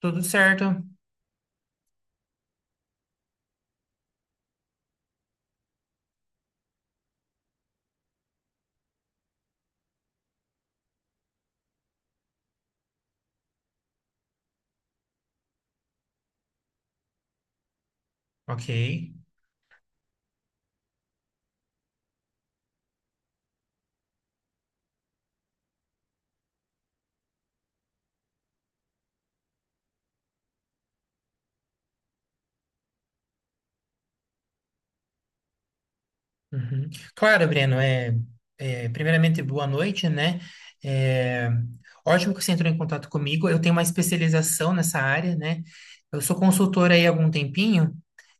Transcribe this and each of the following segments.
Tudo certo. Ok. Uhum. Claro, Breno, primeiramente, boa noite, né? É, Ótimo que você entrou em contato comigo. Eu tenho uma especialização nessa área, né? Eu sou consultora aí há algum tempinho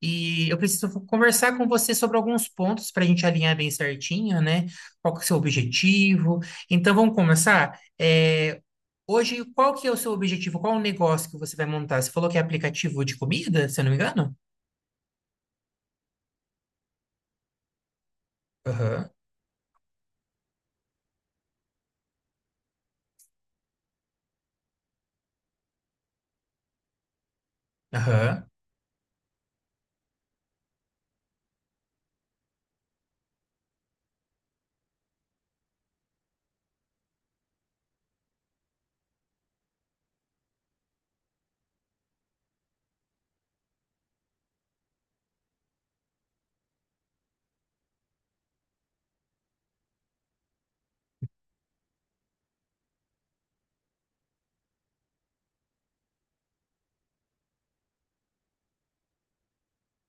e eu preciso conversar com você sobre alguns pontos para a gente alinhar bem certinho, né? Qual que é o seu objetivo? Então, vamos começar? Hoje, qual que é o seu objetivo? Qual o negócio que você vai montar? Você falou que é aplicativo de comida, se eu não me engano? Aham, aham.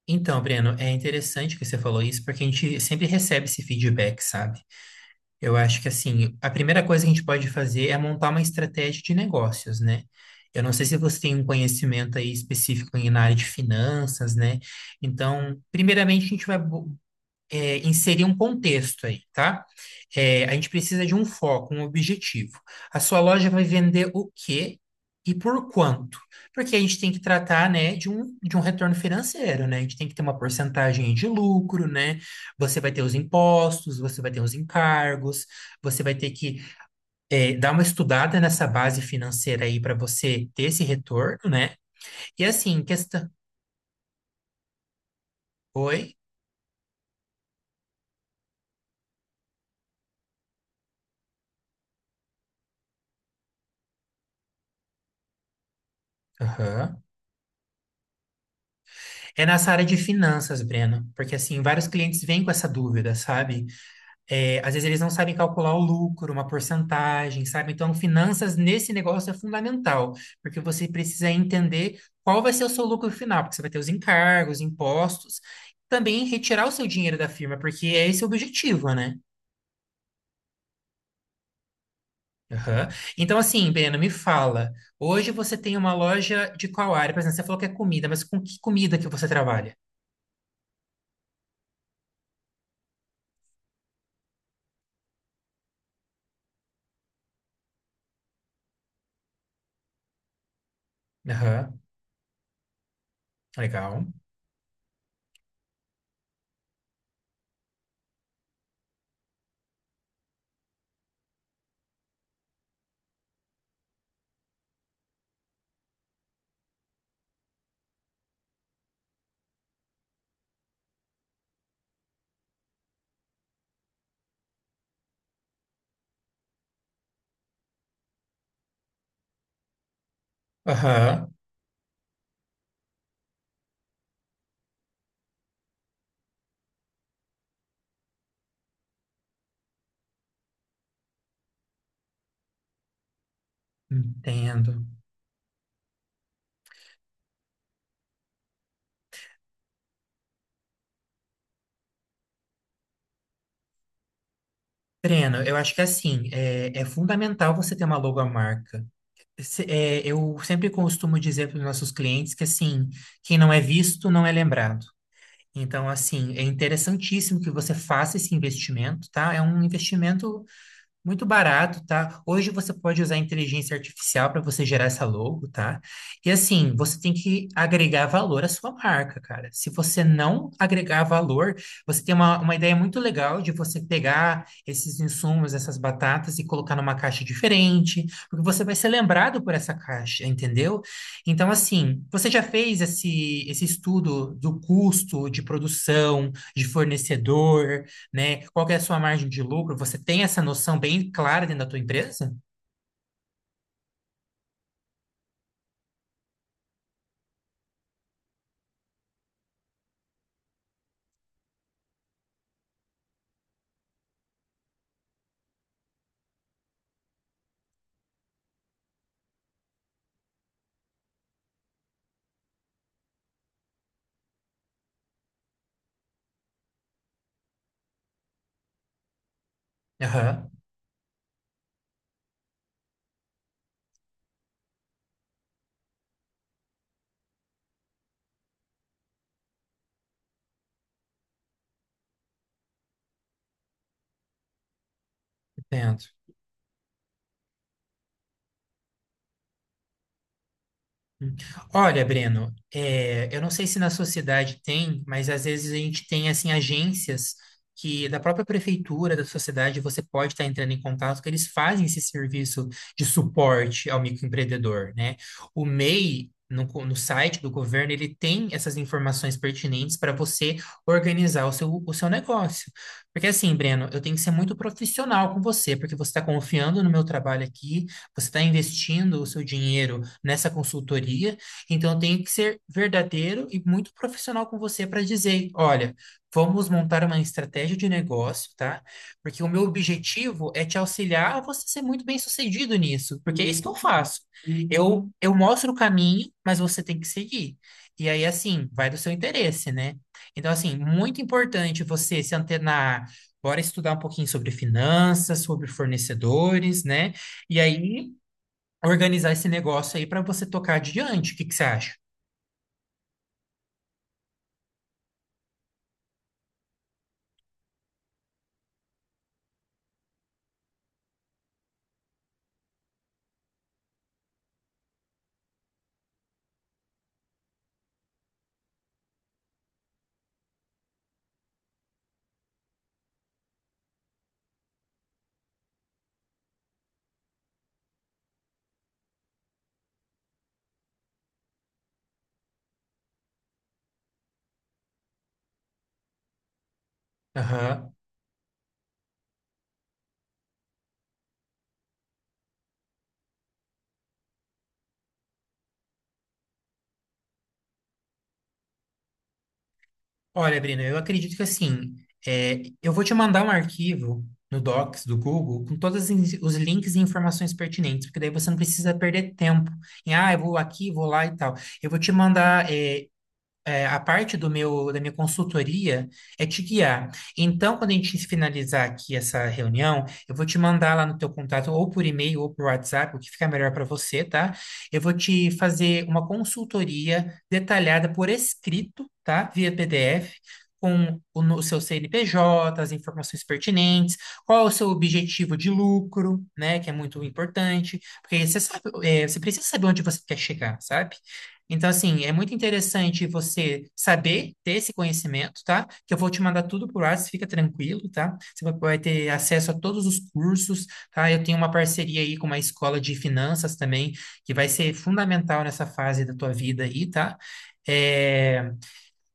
Então, Breno, é interessante que você falou isso, porque a gente sempre recebe esse feedback, sabe? Eu acho que, assim, a primeira coisa que a gente pode fazer é montar uma estratégia de negócios, né? Eu não sei se você tem um conhecimento aí específico na área de finanças, né? Então, primeiramente, a gente vai bu- é, inserir um contexto aí, tá? É, a gente precisa de um foco, um objetivo. A sua loja vai vender o quê e por quanto? Porque a gente tem que tratar, né, de um retorno financeiro, né? A gente tem que ter uma porcentagem aí de lucro, né? Você vai ter os impostos, você vai ter os encargos, você vai ter que dar uma estudada nessa base financeira aí para você ter esse retorno, né? E assim, questão. Oi? Aham. É nessa área de finanças, Breno, porque assim, vários clientes vêm com essa dúvida, sabe? É, às vezes eles não sabem calcular o lucro, uma porcentagem, sabe? Então, finanças nesse negócio é fundamental, porque você precisa entender qual vai ser o seu lucro final, porque você vai ter os encargos, impostos, também retirar o seu dinheiro da firma, porque é esse o objetivo, né? Aham. Então, assim, Breno, me fala, hoje você tem uma loja de qual área? Por exemplo, você falou que é comida, mas com que comida que você trabalha? Aham, legal. Aham. Entendo. Breno, eu acho que assim, é fundamental você ter uma logomarca. Eu sempre costumo dizer para os nossos clientes que assim, quem não é visto não é lembrado. Então, assim, é interessantíssimo que você faça esse investimento, tá? É um investimento muito barato, tá? Hoje você pode usar a inteligência artificial para você gerar essa logo, tá? E assim, você tem que agregar valor à sua marca, cara. Se você não agregar valor, você tem uma ideia muito legal de você pegar esses insumos, essas batatas e colocar numa caixa diferente, porque você vai ser lembrado por essa caixa, entendeu? Então, assim, você já fez esse estudo do custo de produção, de fornecedor? Né? Qual que é a sua margem de lucro? Você tem essa noção bem clara dentro da tua empresa? Aham, entendo. Hum. Olha, Breno, é, eu não sei se na sociedade tem, mas às vezes a gente tem assim agências que da própria prefeitura, da sociedade, você pode estar entrando em contato, que eles fazem esse serviço de suporte ao microempreendedor, né? O MEI no site do governo, ele tem essas informações pertinentes para você organizar o seu negócio. Porque assim, Breno, eu tenho que ser muito profissional com você, porque você está confiando no meu trabalho aqui, você está investindo o seu dinheiro nessa consultoria, então tem que ser verdadeiro e muito profissional com você para dizer, olha, vamos montar uma estratégia de negócio, tá? Porque o meu objetivo é te auxiliar a você ser muito bem-sucedido nisso, porque é isso que eu faço. Eu mostro o caminho, mas você tem que seguir. E aí, assim, vai do seu interesse, né? Então, assim, muito importante você se antenar, bora estudar um pouquinho sobre finanças, sobre fornecedores, né? E aí organizar esse negócio aí para você tocar adiante. O que que você acha? Aham. Olha, Brina, eu acredito que assim, é, eu vou te mandar um arquivo no Docs do Google com todos os os links e informações pertinentes, porque daí você não precisa perder tempo em, ah, eu vou aqui, vou lá e tal. Eu vou te mandar, a parte da minha consultoria é te guiar. Então, quando a gente finalizar aqui essa reunião, eu vou te mandar lá no teu contato, ou por e-mail, ou por WhatsApp, o que ficar melhor para você, tá? Eu vou te fazer uma consultoria detalhada por escrito, tá? Via PDF. Com o, no- O seu CNPJ, as informações pertinentes, qual é o seu objetivo de lucro, né? Que é muito importante, porque você sabe, é, você precisa saber onde você quer chegar, sabe? Então, assim, é muito interessante você saber ter esse conhecimento, tá? Que eu vou te mandar tudo por WhatsApp, fica tranquilo, tá? Você vai ter acesso a todos os cursos, tá? Eu tenho uma parceria aí com uma escola de finanças também, que vai ser fundamental nessa fase da tua vida aí, tá? É...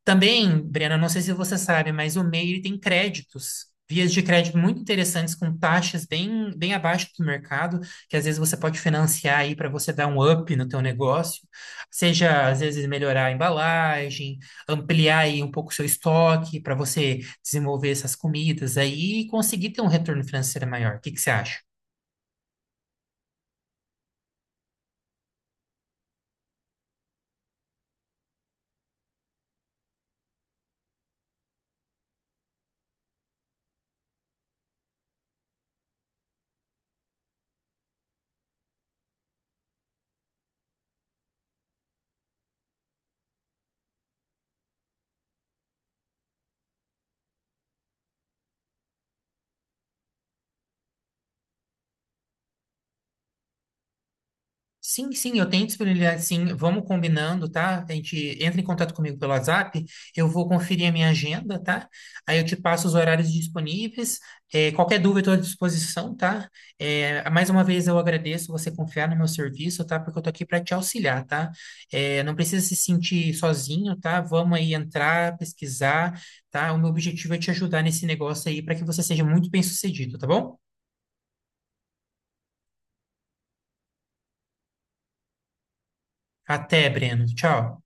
Também, Brena, não sei se você sabe, mas o MEI ele tem créditos, vias de crédito muito interessantes, com taxas bem abaixo do mercado, que às vezes você pode financiar aí para você dar um up no teu negócio, seja às vezes melhorar a embalagem, ampliar aí um pouco o seu estoque para você desenvolver essas comidas aí e conseguir ter um retorno financeiro maior. O que que você acha? Sim, sim, eu tenho disponibilidade, sim. Vamos combinando, tá? A gente entra em contato comigo pelo WhatsApp, eu vou conferir a minha agenda, tá? Aí eu te passo os horários disponíveis. É, qualquer dúvida, estou à disposição, tá? É, mais uma vez eu agradeço você confiar no meu serviço, tá? Porque eu tô aqui para te auxiliar, tá? É, não precisa se sentir sozinho, tá? Vamos aí entrar, pesquisar, tá? O meu objetivo é te ajudar nesse negócio aí para que você seja muito bem-sucedido, tá bom? Até, Breno. Tchau.